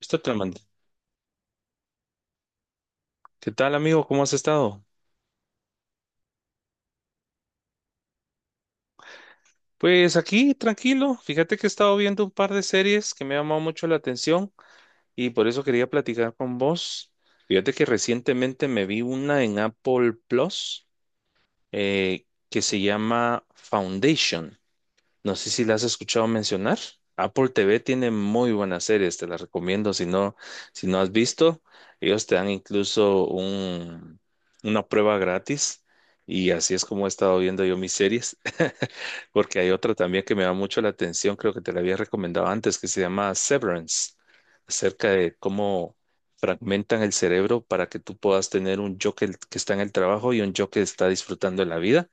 Esto te lo mandé. ¿Qué tal, amigo? ¿Cómo has estado? Pues aquí, tranquilo. Fíjate que he estado viendo un par de series que me ha llamado mucho la atención y por eso quería platicar con vos. Fíjate que recientemente me vi una en Apple Plus, que se llama Foundation. No sé si la has escuchado mencionar. Apple TV tiene muy buenas series, te las recomiendo si no, si no has visto. Ellos te dan incluso una prueba gratis, y así es como he estado viendo yo mis series, porque hay otra también que me da mucho la atención. Creo que te la había recomendado antes, que se llama Severance, acerca de cómo fragmentan el cerebro para que tú puedas tener un yo que está en el trabajo y un yo que está disfrutando de la vida,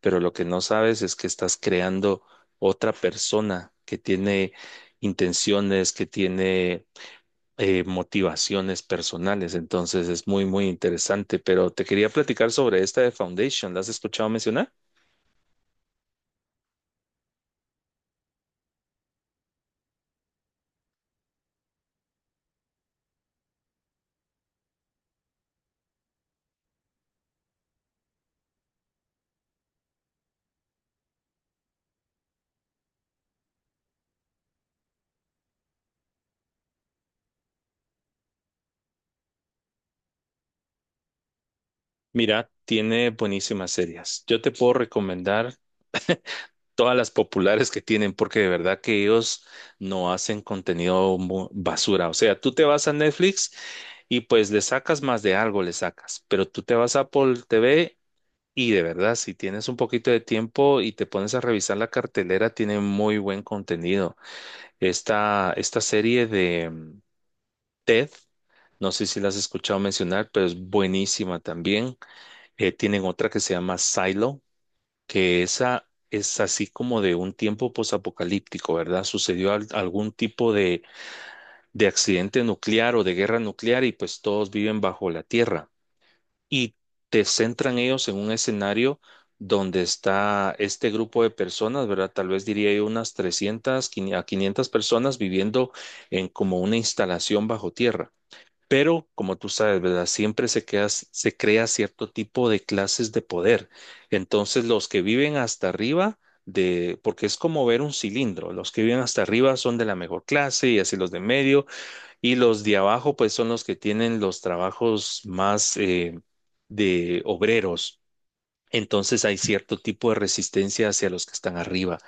pero lo que no sabes es que estás creando otra persona que tiene intenciones, que tiene motivaciones personales. Entonces es muy interesante, pero te quería platicar sobre esta de Foundation. ¿La has escuchado mencionar? Mira, tiene buenísimas series. Yo te puedo recomendar todas las populares que tienen, porque de verdad que ellos no hacen contenido basura. O sea, tú te vas a Netflix y pues le sacas más de algo, le sacas, pero tú te vas a Apple TV, y de verdad, si tienes un poquito de tiempo y te pones a revisar la cartelera, tiene muy buen contenido. Esta serie de TED, no sé si la has escuchado mencionar, pero es buenísima también. Tienen otra que se llama Silo, que esa es así como de un tiempo posapocalíptico, ¿verdad? Sucedió algún tipo de accidente nuclear o de guerra nuclear, y pues todos viven bajo la tierra y te centran ellos en un escenario donde está este grupo de personas, ¿verdad? Tal vez diría yo unas 300 a 500 personas viviendo en como una instalación bajo tierra. Pero, como tú sabes, ¿verdad? Siempre se crea cierto tipo de clases de poder. Entonces, los que viven hasta arriba de, porque es como ver un cilindro, los que viven hasta arriba son de la mejor clase, y así los de medio, y los de abajo, pues son los que tienen los trabajos más de obreros. Entonces hay cierto tipo de resistencia hacia los que están arriba,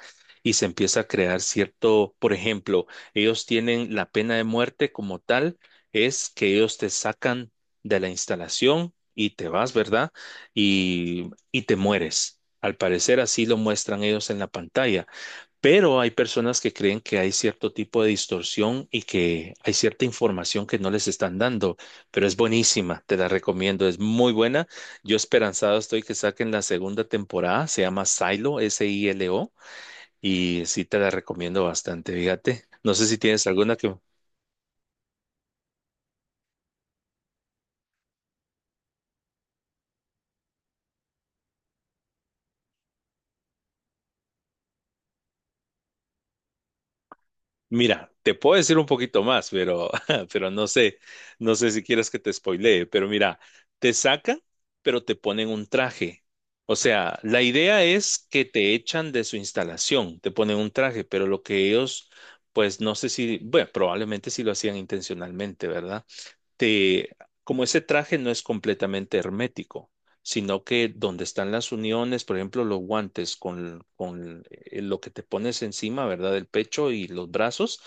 y se empieza a crear cierto, por ejemplo, ellos tienen la pena de muerte como tal. Es que ellos te sacan de la instalación y te vas, ¿verdad? Y te mueres. Al parecer así lo muestran ellos en la pantalla. Pero hay personas que creen que hay cierto tipo de distorsión y que hay cierta información que no les están dando, pero es buenísima, te la recomiendo, es muy buena. Yo esperanzado estoy que saquen la segunda temporada. Se llama Silo, SILO, y sí te la recomiendo bastante, fíjate. No sé si tienes alguna que, mira, te puedo decir un poquito más, pero, pero no sé, no sé si quieres que te spoilee, pero mira, te sacan, pero te ponen un traje. O sea, la idea es que te echan de su instalación, te ponen un traje, pero lo que ellos, pues no sé si, bueno, probablemente sí lo hacían intencionalmente, ¿verdad? Te, como ese traje no es completamente hermético, sino que donde están las uniones, por ejemplo, los guantes con lo que te pones encima, ¿verdad? El pecho y los brazos,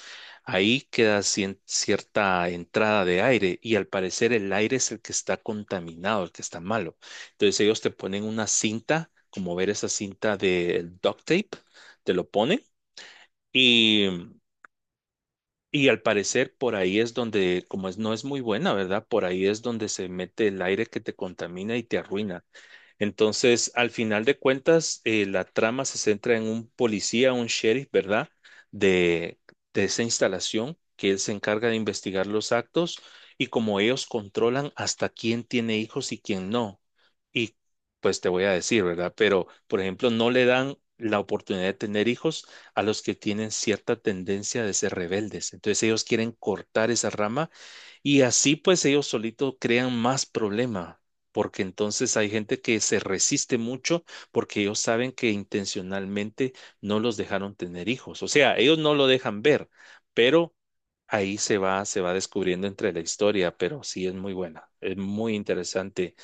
ahí queda cierta entrada de aire, y al parecer el aire es el que está contaminado, el que está malo. Entonces ellos te ponen una cinta, como ver esa cinta de duct tape, te lo ponen. Y y al parecer por ahí es donde, como es, no es muy buena, ¿verdad? Por ahí es donde se mete el aire que te contamina y te arruina. Entonces, al final de cuentas, la trama se centra en un policía, un sheriff, ¿verdad? De, de esa instalación, que él se encarga de investigar los actos, y como ellos controlan hasta quién tiene hijos y quién no. Y pues te voy a decir, ¿verdad? Pero, por ejemplo, no le dan la oportunidad de tener hijos a los que tienen cierta tendencia de ser rebeldes. Entonces, ellos quieren cortar esa rama, y así pues ellos solitos crean más problema, porque entonces hay gente que se resiste mucho, porque ellos saben que intencionalmente no los dejaron tener hijos. O sea, ellos no lo dejan ver, pero ahí se va descubriendo entre la historia, pero sí es muy buena, es muy interesante.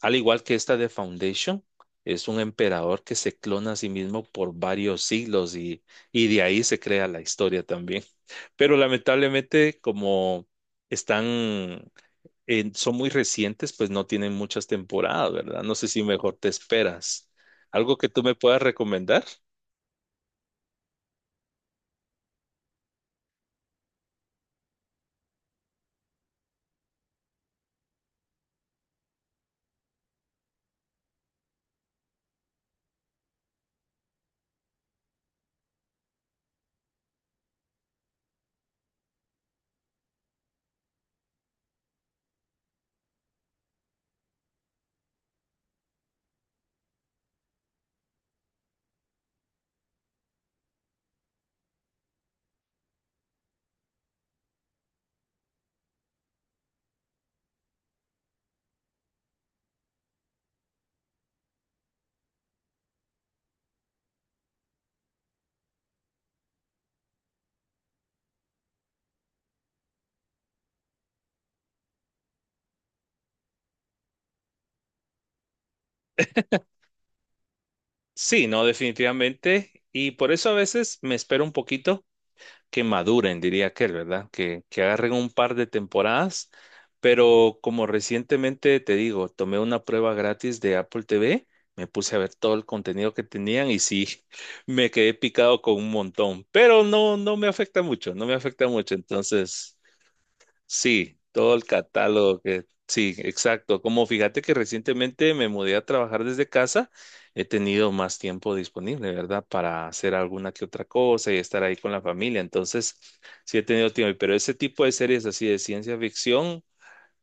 Al igual que esta de Foundation, es un emperador que se clona a sí mismo por varios siglos, y de ahí se crea la historia también. Pero lamentablemente, como están son muy recientes, pues no tienen muchas temporadas, ¿verdad? No sé si mejor te esperas. ¿Algo que tú me puedas recomendar? Sí, no, definitivamente. Y por eso a veces me espero un poquito que maduren, diría aquel, ¿verdad? Que agarren un par de temporadas. Pero como recientemente te digo, tomé una prueba gratis de Apple TV, me puse a ver todo el contenido que tenían y sí, me quedé picado con un montón. Pero no, no me afecta mucho, no me afecta mucho. Entonces. Sí, todo el catálogo que sí, exacto. Como fíjate que recientemente me mudé a trabajar desde casa, he tenido más tiempo disponible, ¿verdad? Para hacer alguna que otra cosa y estar ahí con la familia. Entonces, sí he tenido tiempo, pero ese tipo de series así de ciencia ficción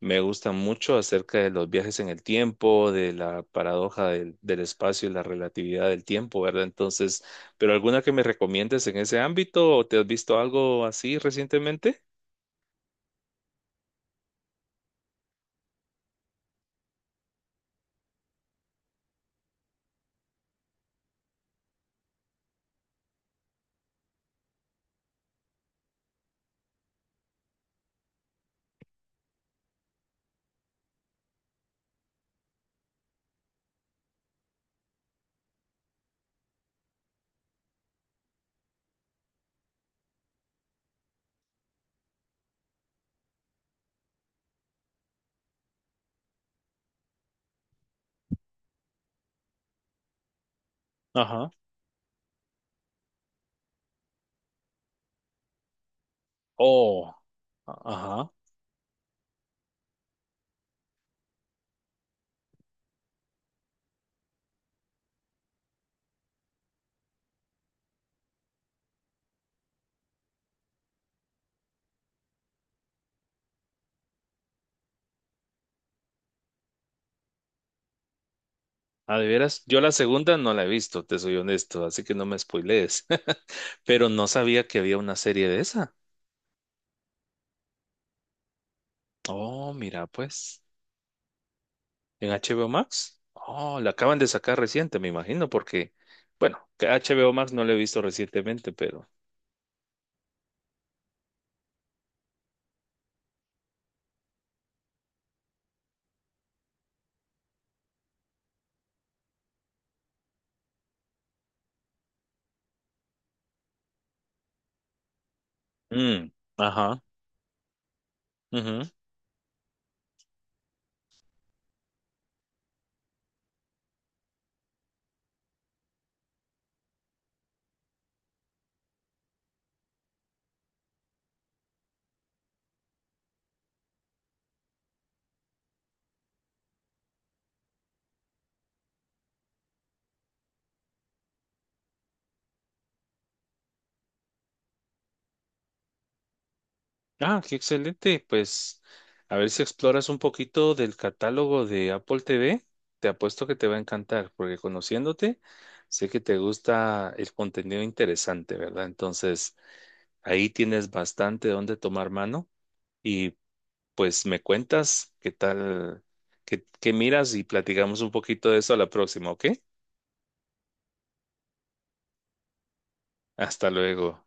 me gustan mucho, acerca de los viajes en el tiempo, de la paradoja del espacio y la relatividad del tiempo, ¿verdad? Entonces, ¿pero alguna que me recomiendes en ese ámbito o te has visto algo así recientemente? Ajá. Oh, ajá. Ah, de veras, yo la segunda no la he visto, te soy honesto, así que no me spoilees. Pero no sabía que había una serie de esa. Oh, mira, pues, en HBO Max. Oh, la acaban de sacar reciente, me imagino, porque, bueno, que HBO Max no la he visto recientemente, pero. Mm, ajá. Ah, qué excelente. Pues a ver si exploras un poquito del catálogo de Apple TV. Te apuesto que te va a encantar, porque conociéndote, sé que te gusta el contenido interesante, ¿verdad? Entonces, ahí tienes bastante donde tomar mano, y pues me cuentas qué tal, qué miras, y platicamos un poquito de eso a la próxima, ¿ok? Hasta luego.